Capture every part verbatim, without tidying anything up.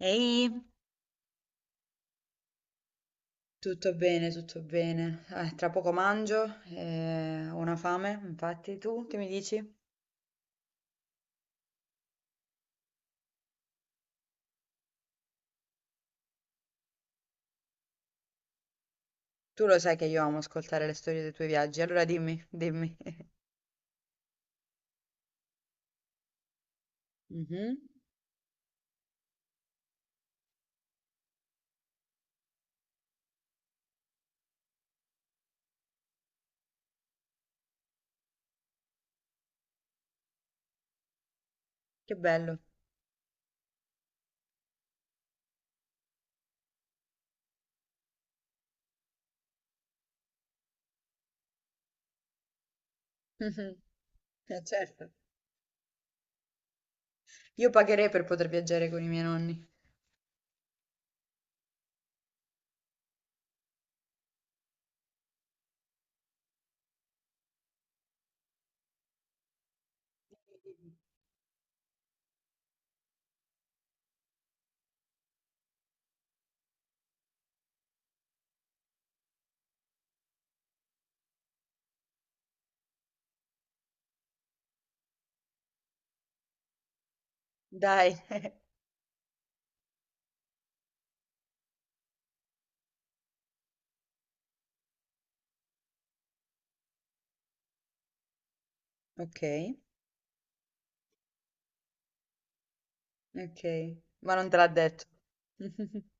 Ehi. Tutto bene, tutto bene. Eh, tra poco mangio, eh, ho una fame. Infatti, tu che mi dici? Tu lo sai che io amo ascoltare le storie dei tuoi viaggi, allora dimmi, dimmi. Mhm. Che bello. Eh, certo. Io pagherei per poter viaggiare con i miei nonni. Dai. Ok, ok, ma non te l'ha detto.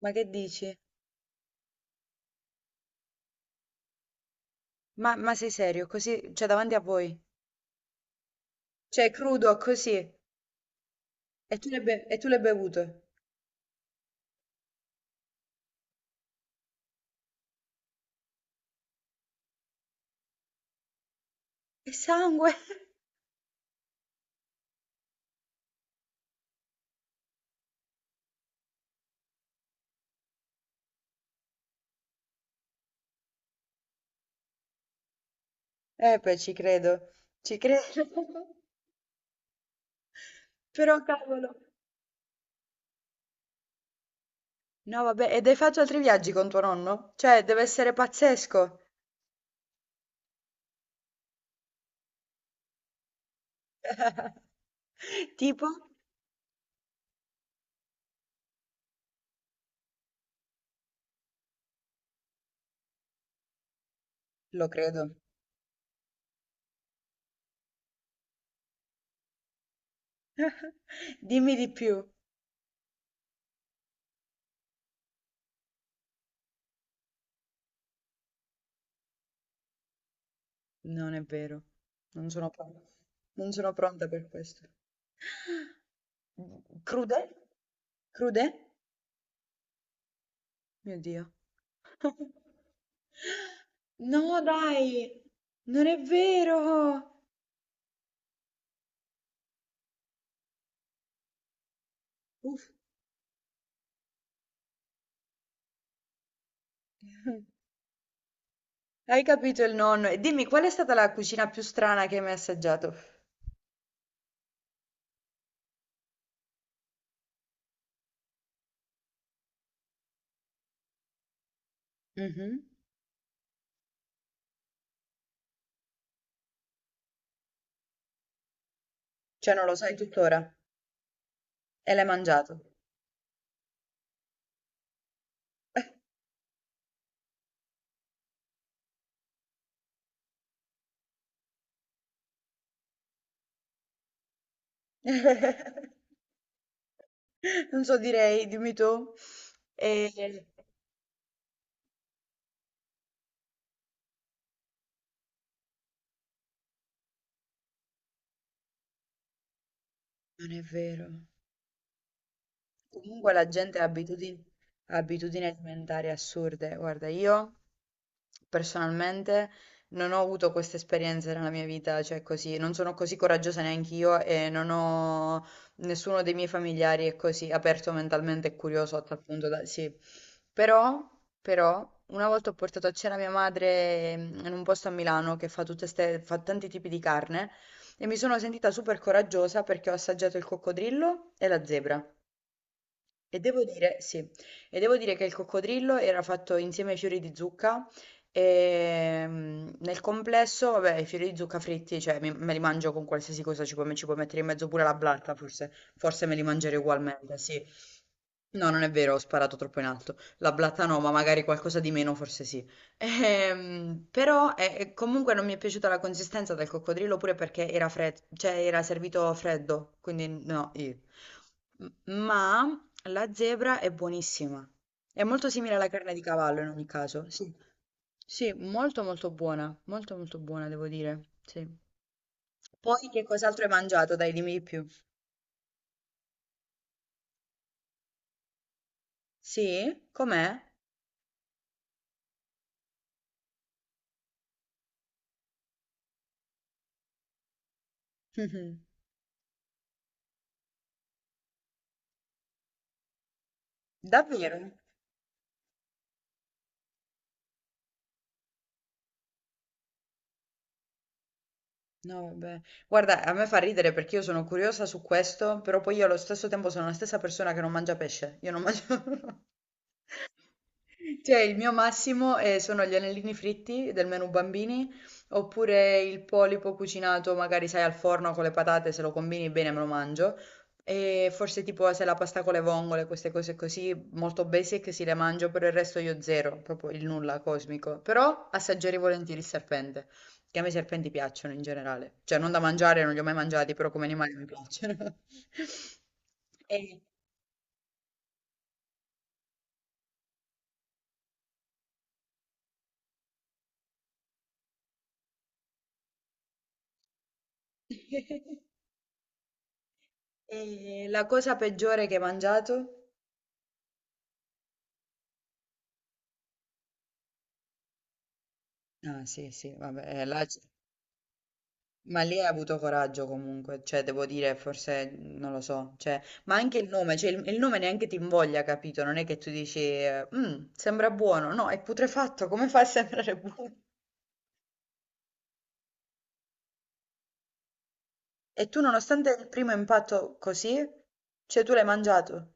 Ma che dici? Ma, ma sei serio? Così, cioè davanti a voi? Cioè, crudo, così. E tu l'hai be- e tu l'hai bevuto? E sangue! Eh beh, ci credo, ci credo. Però cavolo. No, vabbè, ed hai fatto altri viaggi con tuo nonno? Cioè, deve essere pazzesco. Tipo? Lo credo. Dimmi di più. Non è vero. Non sono pronta. Non sono pronta per questo. Crude? Crude? Mio Dio. No, dai. Non è vero. Uff. Hai capito il nonno? E dimmi, qual è stata la cucina più strana che hai mai assaggiato? Mh-mh. Cioè non lo sai tuttora e l'hai mangiato. Non so direi, dimmi tu. Ehm, non è vero. Comunque la gente ha abitudini, ha abitudini alimentari assurde. Guarda, io personalmente non ho avuto queste esperienze nella mia vita, cioè così, non sono così coraggiosa neanche io e non ho nessuno dei miei familiari è così aperto mentalmente e curioso a tal punto da sì. Però, però, una volta ho portato a cena mia madre mm, in un posto a Milano che fa tutte ste, fa tanti tipi di carne e mi sono sentita super coraggiosa perché ho assaggiato il coccodrillo e la zebra. E devo dire sì, e devo dire che il coccodrillo era fatto insieme ai fiori di zucca e mm, nel complesso, vabbè, i fiori di zucca fritti, cioè mi- me li mangio con qualsiasi cosa, ci puoi, ci puoi mettere in mezzo pure la blatta, forse, forse me li mangerei ugualmente, sì. No, non è vero, ho sparato troppo in alto. La blatta no, ma magari qualcosa di meno, forse sì. Ehm, però eh, comunque non mi è piaciuta la consistenza del coccodrillo pure perché era fred- cioè era servito freddo, quindi no, io. M- Ma la zebra è buonissima. È molto simile alla carne di cavallo in ogni caso. Sì, sì, molto molto buona, molto molto buona devo dire. Sì. Poi che cos'altro hai mangiato? Dai, dimmi di più. Sì? Com'è? Mhm. Davvero? No, vabbè. Guarda, a me fa ridere perché io sono curiosa su questo, però poi io allo stesso tempo sono la stessa persona che non mangia pesce. Io non mangio... Cioè il mio massimo, ehm, sono gli anellini fritti del menù bambini, oppure il polipo cucinato magari sai al forno con le patate, se lo combini bene me lo mangio, e forse tipo se la pasta con le vongole, queste cose così molto basic si le mangio, per il resto io zero, proprio il nulla cosmico. Però assaggerei volentieri il serpente, che a me i serpenti piacciono in generale, cioè non da mangiare, non li ho mai mangiati, però come animali mi piacciono. E... E la cosa peggiore che hai mangiato? Ah sì, sì, vabbè, eh, là c- ma lì hai avuto coraggio comunque, cioè devo dire, forse mhmm, non lo so, cioè, ma anche il nome, cioè il, il nome neanche ti invoglia, capito? Non è che tu dici, eh, "Mm, sembra buono, no, è putrefatto, come fa a sembrare buono? E tu nonostante il primo impatto così, cioè tu l'hai mangiato?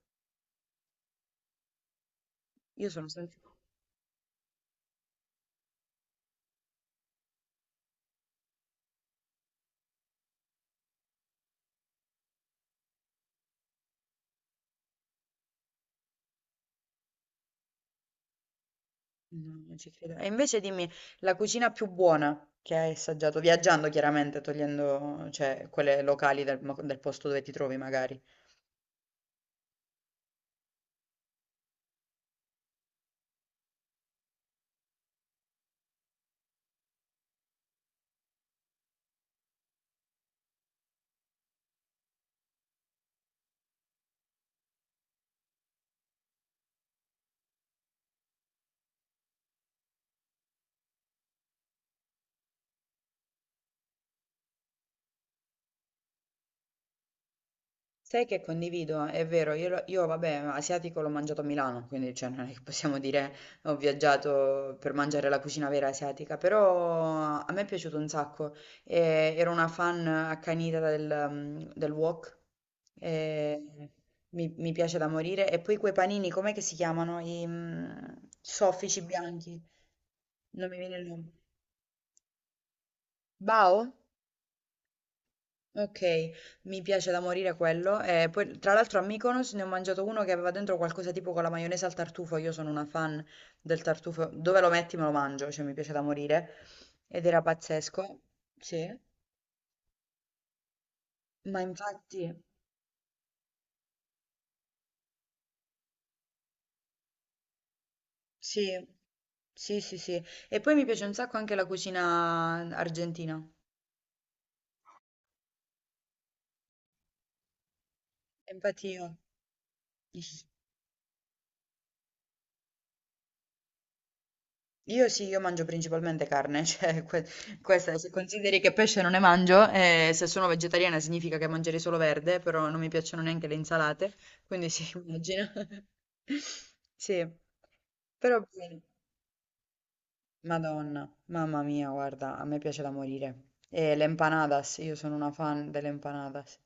Io sono stata... No, non ci credo. E invece dimmi, la cucina più buona che hai assaggiato, viaggiando chiaramente, togliendo, cioè, quelle locali del, mo- del posto dove ti trovi magari. Sai che condivido, è vero, io, lo- io, vabbè, asiatico l'ho mangiato a Milano, quindi cioè, non è che possiamo dire ho viaggiato per mangiare la cucina vera asiatica, però a me è piaciuto un sacco, e ero una fan accanita del, mm, del wok, e mi, mi piace da morire, e poi quei panini, com'è che si chiamano? I mm, soffici bianchi, non mi viene il nome. Bao? Ok, mi piace da morire quello. E poi, tra l'altro, a Mykonos ne ho mangiato uno che aveva dentro qualcosa tipo con la maionese al tartufo. Io sono una fan del tartufo. Dove lo metti me lo mangio, cioè mi piace da morire. Ed era pazzesco. Sì, ma infatti, sì, sì, sì, sì. E poi mi piace un sacco anche la cucina argentina. E infatti io. Io sì, io mangio principalmente carne, cioè que- questa, se consideri che pesce non ne mangio, eh, se sono vegetariana significa che mangerei solo verde, però non mi piacciono neanche le insalate, quindi sì, immagino. Sì, però bene. Madonna, mamma mia, guarda, a me piace da morire. E le empanadas, io sono una fan delle empanadas.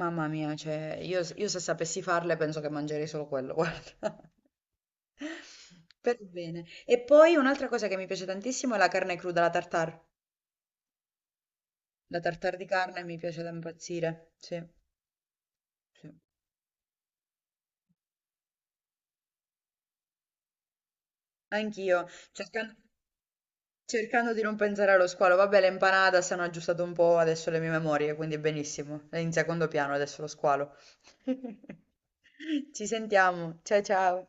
Mamma mia, cioè, io, io se sapessi farle penso che mangerei solo quello, guarda. Per bene. E poi un'altra cosa che mi piace tantissimo è la carne cruda, la tartare. La tartare di carne mi piace da impazzire. Sì, sì. Anch'io, cercando, cercando di non pensare allo squalo. Vabbè, le empanada si hanno aggiustato un po' adesso le mie memorie, quindi benissimo. È in secondo piano adesso lo squalo. Ci sentiamo. Ciao ciao.